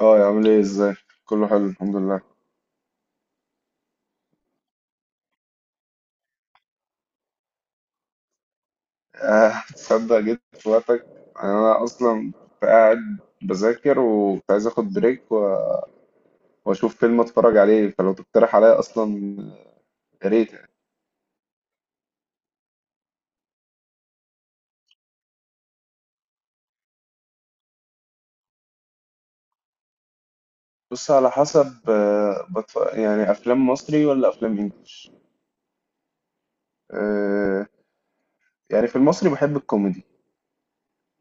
اه يا عامل ايه ازاي؟ كله حلو الحمد لله. تصدق جيت في وقتك، انا اصلا كنت قاعد بذاكر وكنت عايز اخد بريك واشوف فيلم اتفرج عليه، فلو تقترح عليا اصلا يا ريت يعني. بص، على حسب، يعني افلام مصري ولا افلام انجليش؟ آه. يعني في المصري بحب الكوميدي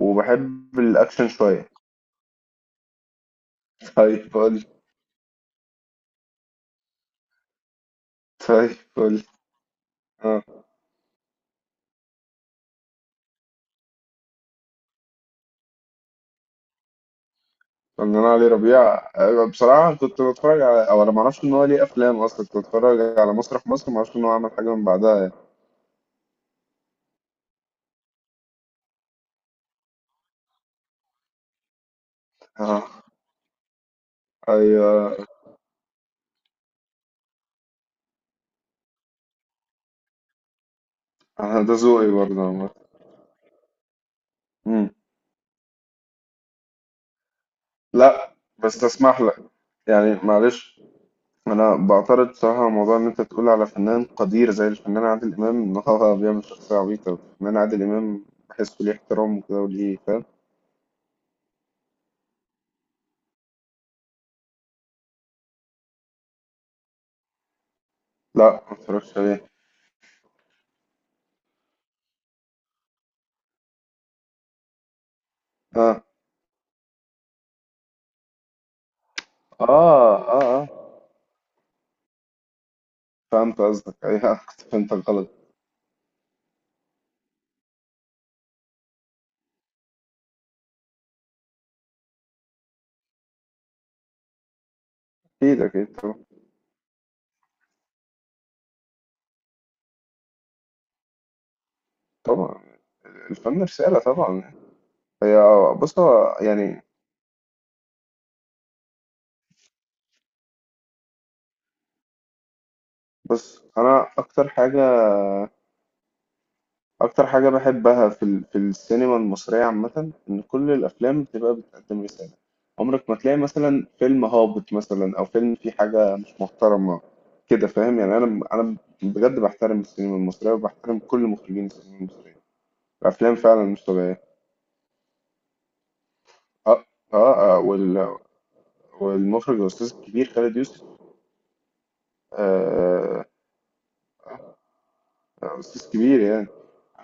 وبحب الاكشن شوية. طيب قول. طيب قول. فنان علي ربيع، أه، بصراحة كنت بتفرج على، أو أنا معرفش إن هو ليه أفلام أصلا، كنت بتفرج على مسرح مصر، معرفش إن هو عمل حاجة من بعدها يعني. آه، أيوه. آه، ده ذوقي برضه عامة. مم. لا بس تسمح لك، يعني معلش، أنا بعترض بصراحة على موضوع إن أنت تقول على فنان قدير زي الفنان عادل إمام إن هو بيعمل شخصية عبيطة. الفنان عادل إمام بحسه ليه احترام وكده وليه، فاهم؟ لا ما اتفرجش عليه. آه آه آه. آه، فهمت قصدك أيوه، كنت فهمتك غلط. أكيد أكيد. طبعا. الفن رسالة طبعا. هي. بص هو يعني. بص أنا أكتر حاجة، أكتر حاجة بحبها في السينما المصرية عامة، إن كل الأفلام بتبقى بتقدم رسالة. عمرك ما تلاقي مثلا فيلم هابط مثلا أو فيلم فيه حاجة مش محترمة كده، فاهم يعني؟ أنا بجد بحترم السينما المصرية وبحترم كل مخرجين السينما المصرية. الأفلام فعلا مش طبيعية. أه أه. آه، والمخرج الأستاذ الكبير خالد يوسف. آه، استاذ كبير يعني.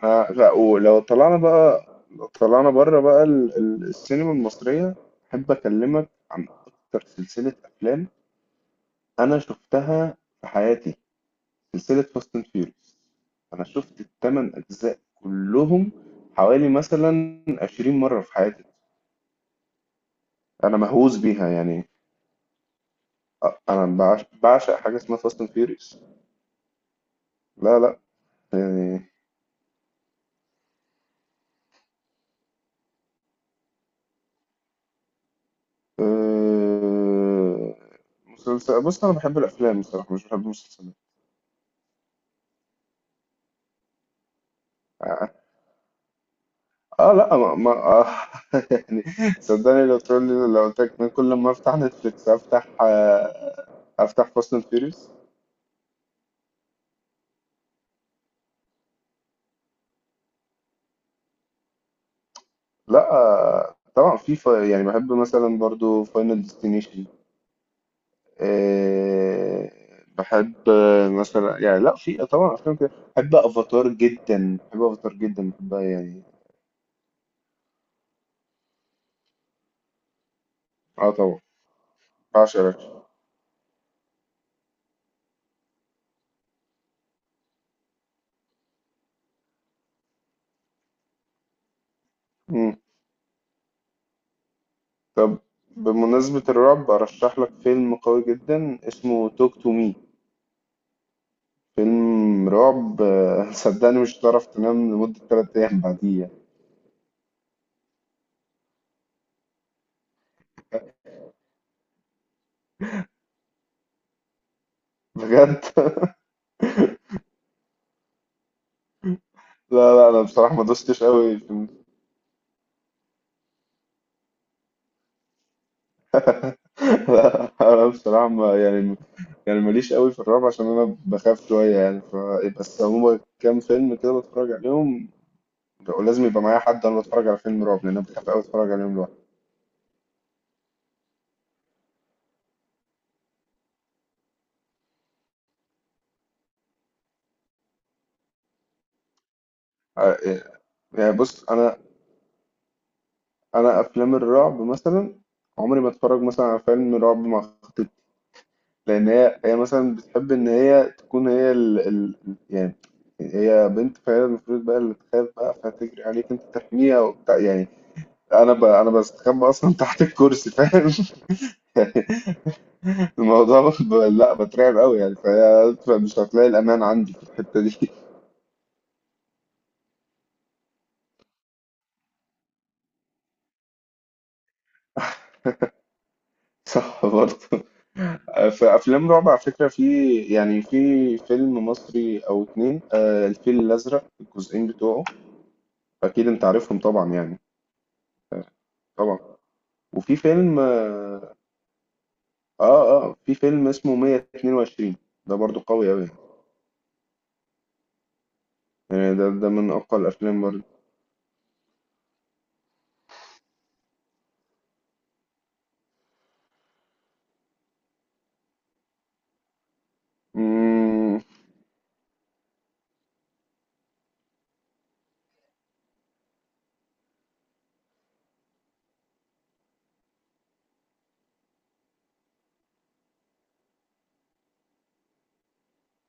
انا لا، ولو طلعنا بقى، لو طلعنا بره بقى السينما المصرية، احب اكلمك عن اكتر سلسلة افلام انا شفتها في حياتي. سلسلة فاست اند فيوريوس، انا شفت الثمان اجزاء كلهم حوالي مثلا 20 مرة في حياتي، انا مهووس بيها يعني. انا بعشق حاجة اسمها فاست اند فيوريوس. لا لا يعني. أه... مسلسل، بص انا بحب الافلام بصراحة مش بحب المسلسلات. اه لا ما, ما آه يعني صدقني لو تقول لي، لو قلت لك إن كل ما افتح نتفليكس افتح افتح فاست اند فيوريوس. لا آه، طبعا في يعني بحب مثلا برضو فاينل ديستنيشن. آه، بحب آه، مثلا يعني، لا في طبعا افلام كده بحب افاتار جدا، بحب افاتار جدا، بحبها يعني. اه طبعا، بعشق الأكشن. مم. طب بمناسبة الرعب أرشح لك فيلم قوي جدا اسمه توك تو مي، فيلم رعب آه، صدقني مش هتعرف تنام لمدة تلات أيام بعديها. بجد. لا لا، أنا بصراحة ما دوستش أوي في لا أنا بصراحة ما، يعني ماليش قوي في الرعب عشان أنا بخاف شوية يعني ف... بس هما كام فيلم كده بتفرج عليهم، ولازم يبقى معايا حد، أنا بتفرج على فيلم رعب لأن أنا بخاف أوي أتفرج عليهم لوحدي. آه، آه، يعني بص أنا، أنا أفلام الرعب مثلا عمري ما أتفرج مثلا على فيلم رعب مع، لأن هي مثلا بتحب إن هي تكون هي يعني، هي بنت فهي المفروض بقى اللي تخاف بقى، فهتجري عليك أنت تحميها وبتاع يعني. أنا بستخبى أصلا تحت الكرسي فاهم لا بترعب أوي يعني، فهي مش هتلاقي الأمان عندي في الحتة دي. صح برضه. في أفلام رعب على فكرة، في يعني في فيلم مصري أو اتنين، آه، الفيل الأزرق الجزئين بتوعه، أكيد أنت عارفهم طبعا يعني. طبعا. وفي فيلم آه، اه اه في فيلم اسمه 122، ده برضو قوي أوي يعني، ده ده من أقوى الأفلام برضو. مم،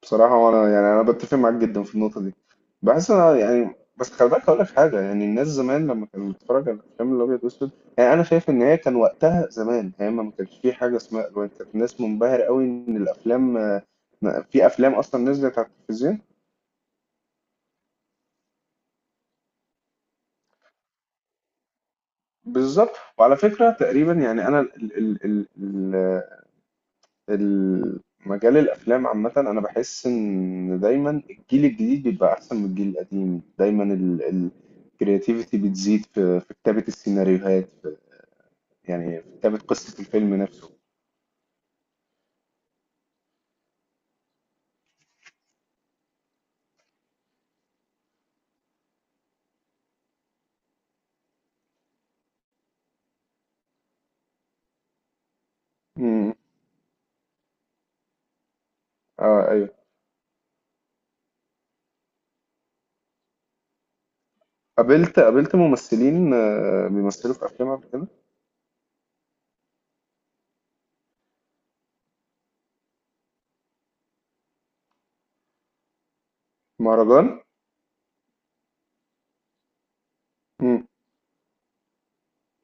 بصراحة وأنا يعني أنا بتفق معاك جدا في النقطة دي. بحس أنا يعني، بس خلي بالك هقول لك حاجة، يعني الناس زمان لما كانت بتتفرج على الأفلام الأبيض وأسود، يعني أنا شايف إن هي كان وقتها زمان، هي ما كانش في حاجة اسمها ألوان، كانت الناس منبهرة أوي إن الأفلام آه، في أفلام أصلا نزلت على التلفزيون. بالظبط. وعلى فكرة تقريبا يعني أنا ال ال ال- مجال الافلام عامه، انا بحس ان دايما الجيل الجديد بيبقى احسن من الجيل القديم دايما. الكرياتيفيتي بتزيد في، في كتابه السيناريوهات، في يعني في كتابه قصه الفيلم نفسه. امم. اه ايوه. قابلت ممثلين آه، بيمثلوا في افلام قبل كده. مهرجان. امم.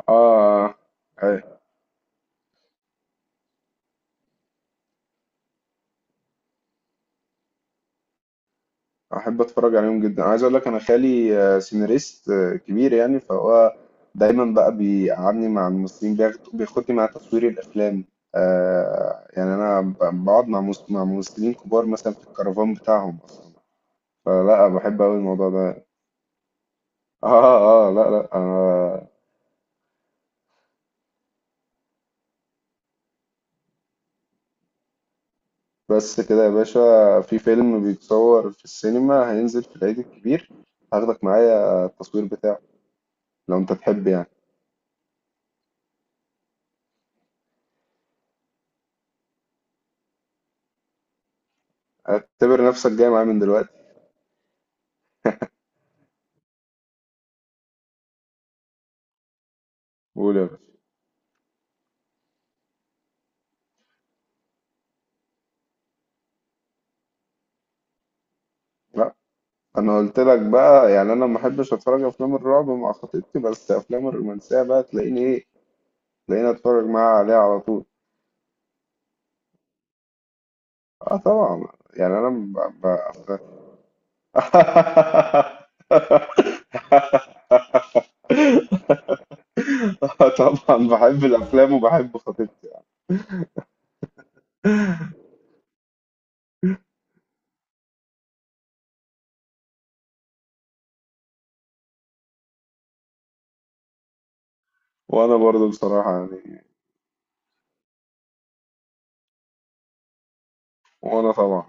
اه أيوة. احب اتفرج عليهم جدا. عايز اقول لك انا خالي آه، سيناريست آه، كبير يعني، فهو دايما بقى بيقعدني مع الممثلين، بياخدني مع تصوير الافلام، آه يعني انا بقعد مع مع ممثلين كبار مثلا في الكرفان بتاعهم، فلا بحب قوي الموضوع ده. اه اه لا لا آه. بس كده يا باشا، في فيلم بيتصور في السينما هينزل في العيد الكبير، هاخدك معايا. آه، التصوير بتاعه لو انت تحب يعني. اعتبر نفسك جاي معايا من دلوقتي. قول يا باشا. لا انا قلت لك بقى يعني انا ما احبش اتفرج افلام الرعب مع خطيبتي، بس افلام الرومانسيه بقى تلاقيني ايه، تلاقيني اتفرج معاها عليها على طول. اه طبعا، يعني انا طبعا بحب الافلام وبحب خطيبتي. وانا برضو بصراحه يعني. وانا طبعا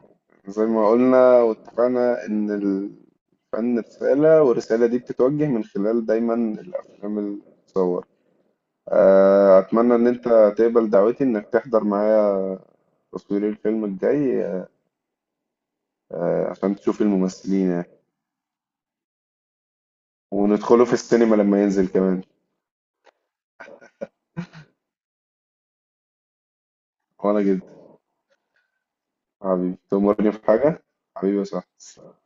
زي ما قلنا واتفقنا ان الفن رساله والرساله دي بتتوجه من خلال دايما الافلام اللي بتتصور. آه، أتمنى إن أنت تقبل دعوتي إنك تحضر معايا تصوير الفيلم الجاي، آه، عشان تشوف الممثلين يعني، وندخله في السينما لما ينزل كمان. وأنا جدا، حبيبي تأمرني في حاجة، حبيبي يا صاحبي.